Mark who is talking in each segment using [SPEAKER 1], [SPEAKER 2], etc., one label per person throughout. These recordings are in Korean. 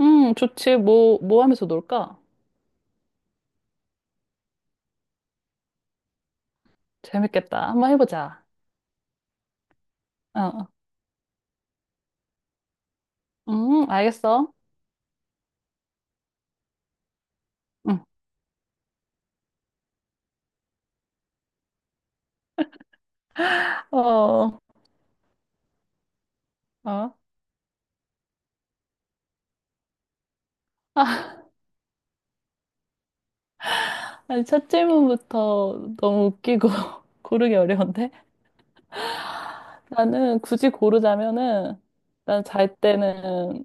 [SPEAKER 1] 좋지. 뭐 하면서 놀까? 재밌겠다. 한번 해보자. 어, 어. 알겠어. 응. 어, 어. 아, 니 첫 질문부터 너무 웃기고 고르기 어려운데? 나는 굳이 고르자면은, 난 잘 때는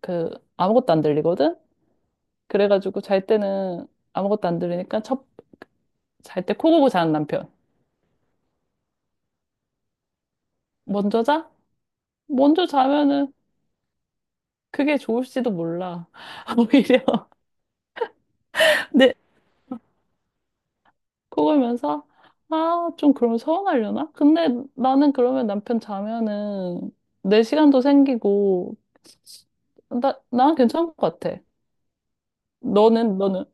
[SPEAKER 1] 그, 아무것도 안 들리거든? 그래가지고 잘 때는 아무것도 안 들리니까 잘 때 코 고고 자는 남편. 먼저 자? 먼저 자면은 그게 좋을지도 몰라. 오히려. 그걸면서 아, 좀 그럼 서운하려나? 근데 나는 그러면 남편 자면은 내 시간도 생기고 난 괜찮은 것 같아. 너는,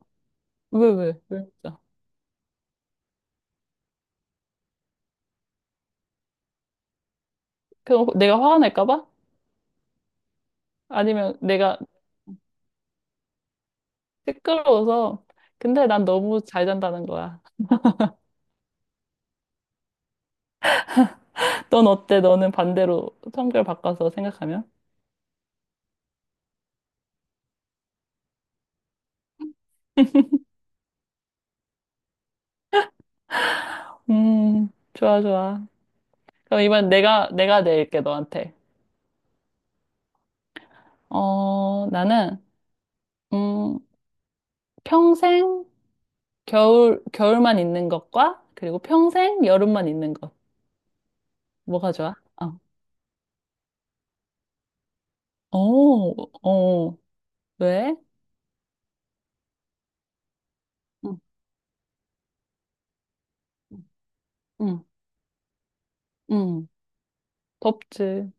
[SPEAKER 1] 왜? 진짜? 그럼 내가 화가 날까 봐? 아니면 내가 시끄러워서, 근데 난 너무 잘 잔다는 거야. 넌 어때? 너는 반대로 성별 바꿔서 생각하면? 좋아, 좋아. 그럼 이번엔 내가 낼게, 너한테. 나는, 음, 평생 겨울만 있는 것과 그리고 평생 여름만 있는 것. 뭐가 좋아? 어. 오 어. 왜? 응, 응, 응. 덥지.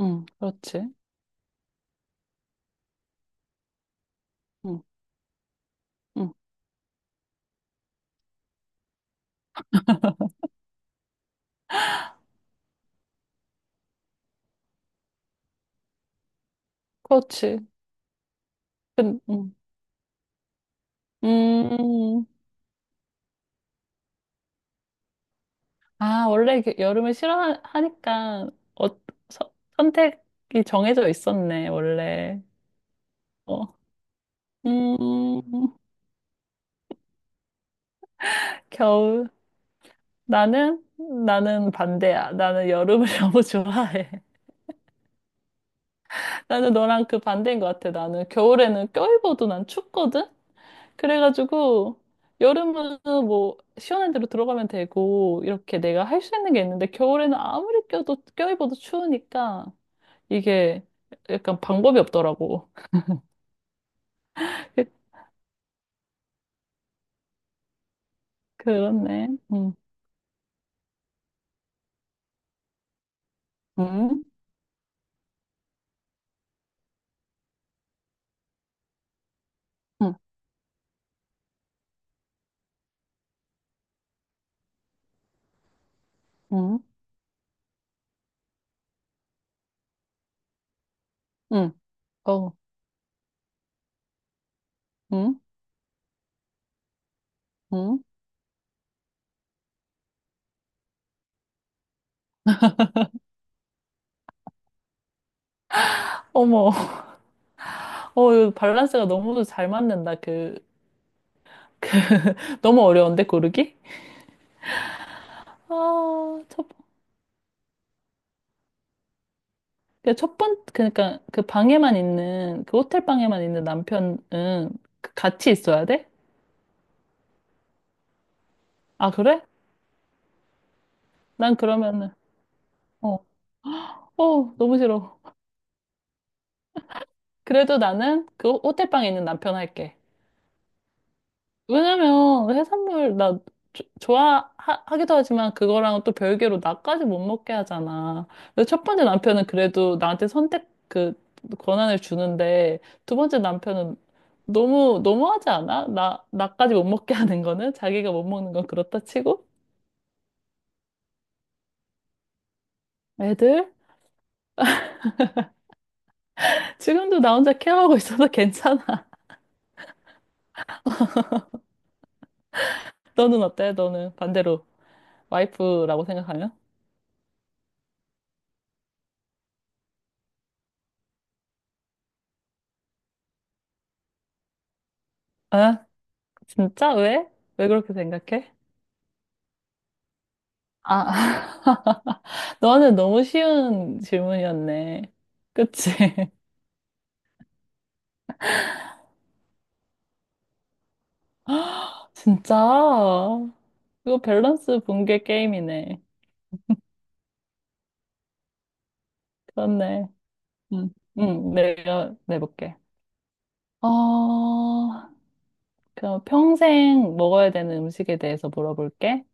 [SPEAKER 1] 응, 그렇지. 응, 응. 그렇지. 응. 음. 아, 원래 이렇게 여름을 싫어하니까 어, 선택이 정해져 있었네, 원래. 어. 음. 겨울. 나는 나는 반대야. 나는 여름을 너무 좋아해. 나는 너랑 그 반대인 것 같아. 나는 겨울에는 껴입어도 난 춥거든? 그래가지고, 여름은 뭐, 시원한 데로 들어가면 되고, 이렇게 내가 할 수 있는 게 있는데, 겨울에는 아무리 껴도, 껴입어도 추우니까, 이게 약간 방법이 없더라고. 그- 그렇네. 응, 응, 응, 응, 응, 어, 응, 응. 어머, 어, 이거 밸런스가 너무 잘 맞는다. 너무 어려운데, 고르기? 아, 첫 그 첫 번, 그러니까 그 방에만 있는, 그 호텔 방에만 있는 남편은 그 같이 있어야 돼? 아, 그래? 난 그러면은, 어, 너무 싫어. 그래도 나는 그 호텔 방에 있는 남편 할게. 왜냐면 해산물 나 좋아하기도 하지만 그거랑 또 별개로 나까지 못 먹게 하잖아. 그래서 첫 번째 남편은 그래도 나한테 선택 권한을 주는데 두 번째 남편은 너무 너무하지 않아? 나 나까지 못 먹게 하는 거는 자기가 못 먹는 건 그렇다 치고 애들 지금도 나 혼자 케어하고 있어서 괜찮아. 너는 어때? 너는 반대로 와이프라고 생각하면? 아 진짜 왜? 왜 그렇게 생각해? 아, 너는 너무 쉬운 질문이었네. 그치? 진짜? 이거 밸런스 붕괴 게임이네. 그렇네. 응, 응, 내가 내볼게. 어, 그럼 평생 먹어야 되는 음식에 대해서 물어볼게.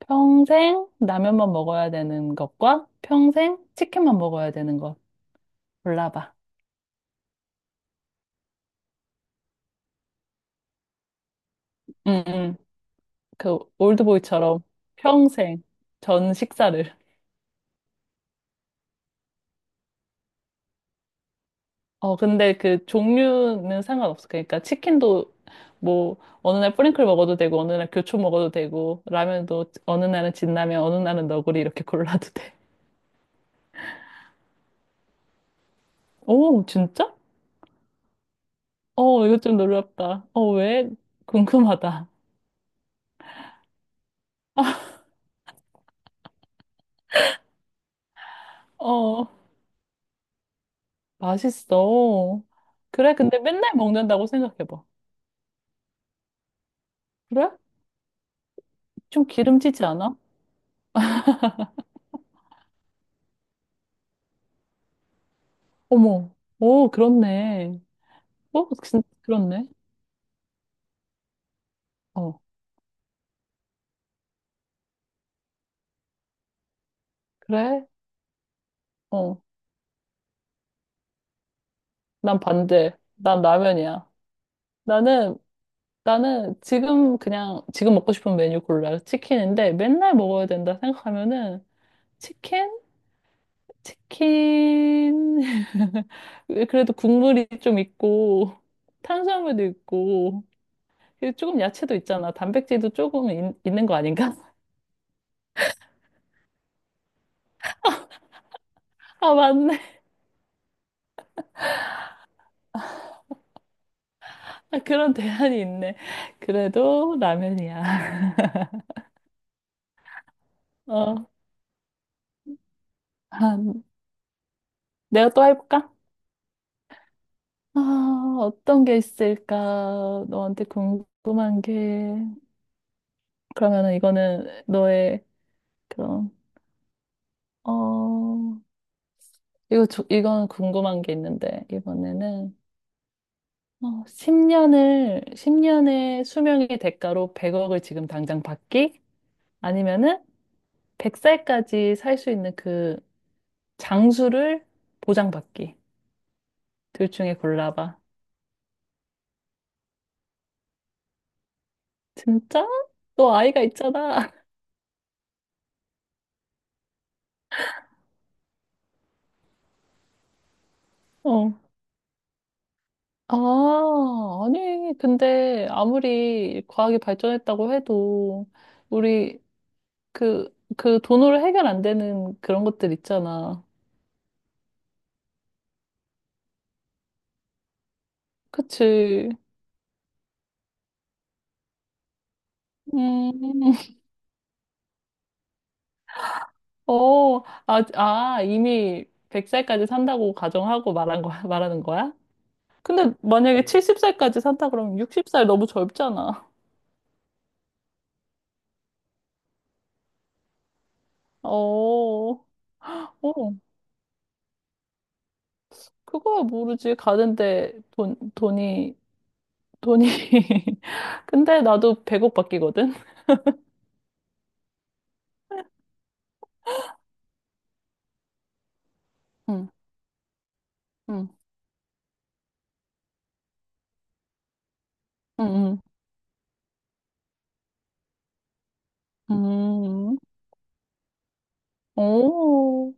[SPEAKER 1] 평생 라면만 먹어야 되는 것과 평생 치킨만 먹어야 되는 것 골라봐. 응, 응. 그 올드보이처럼 평생 전 식사를. 근데 그 종류는 상관없어. 그러니까 치킨도 뭐 어느 날 뿌링클 먹어도 되고 어느 날 교촌 먹어도 되고 라면도 어느 날은 진라면 어느 날은 너구리 이렇게 골라도 돼. 오, 진짜? 어, 이거 좀 놀랍다. 어, 왜? 궁금하다. 어, 맛있어. 그래, 근데 맨날 먹는다고 생각해봐. 그래? 좀 기름지지 않아? 어머, 오, 그렇네. 어, 진 그렇네. 어, 그래? 어, 난 반대. 난 라면이야. 나는 나는 지금 그냥 지금 먹고 싶은 메뉴 골라. 치킨인데 맨날 먹어야 된다 생각하면은 치킨? 치킨. 그래도 국물이 좀 있고 탄수화물도 있고 그리고 조금 야채도 있잖아. 단백질도 조금 있는 거 아닌가? 아, 맞네. 아, 그런 대안이 있네. 그래도 라면이야. 어. 아, 내가 또 해볼까? 아, 어떤 게 있을까? 너한테 궁금한 게. 그러면은 이거는 너의 그런 어 이거 이건 궁금한 게 있는데 이번에는 10년을 10년의 수명의 대가로 100억을 지금 당장 받기 아니면은 100살까지 살 수 있는 그 장수를 보장받기 둘 중에 골라봐. 진짜? 너 아이가 있잖아. 어. 아, 아니, 근데 아무리 과학이 발전했다고 해도 우리 그 돈으로 해결 안 되는 그런 것들 있잖아. 그치. 음, 어, 이미 100살까지 산다고 가정하고 말한 거야, 말하는 거야? 근데 만약에 70살까지 산다 그러면 60살 너무 젊잖아. 어, 어, 그거야 모르지. 가는데 돈이, 돈이. 근데 나도 100억 바뀌거든? 응, 응, 응, 응. 오,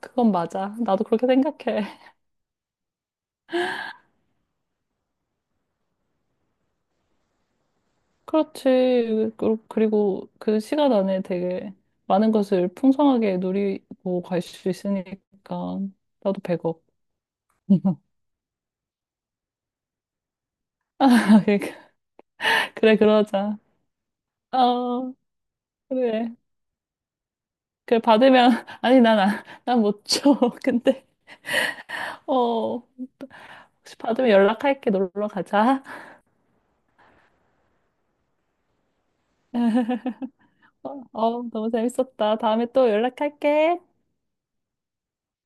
[SPEAKER 1] 그건 맞아. 나도 그렇게 생각해. 그렇지. 그리고 그 시간 안에 되게 많은 것을 풍성하게 누리고 갈 수 있으니까 나도 배고. 그래, 그러자. 어, 그래. 그래, 받으면, 아니, 난, 안- 난못 줘. 근데, 어, 혹시 받으면 연락할게. 놀러 가자. 어, 어, 너무 재밌었다. 다음에 또 연락할게.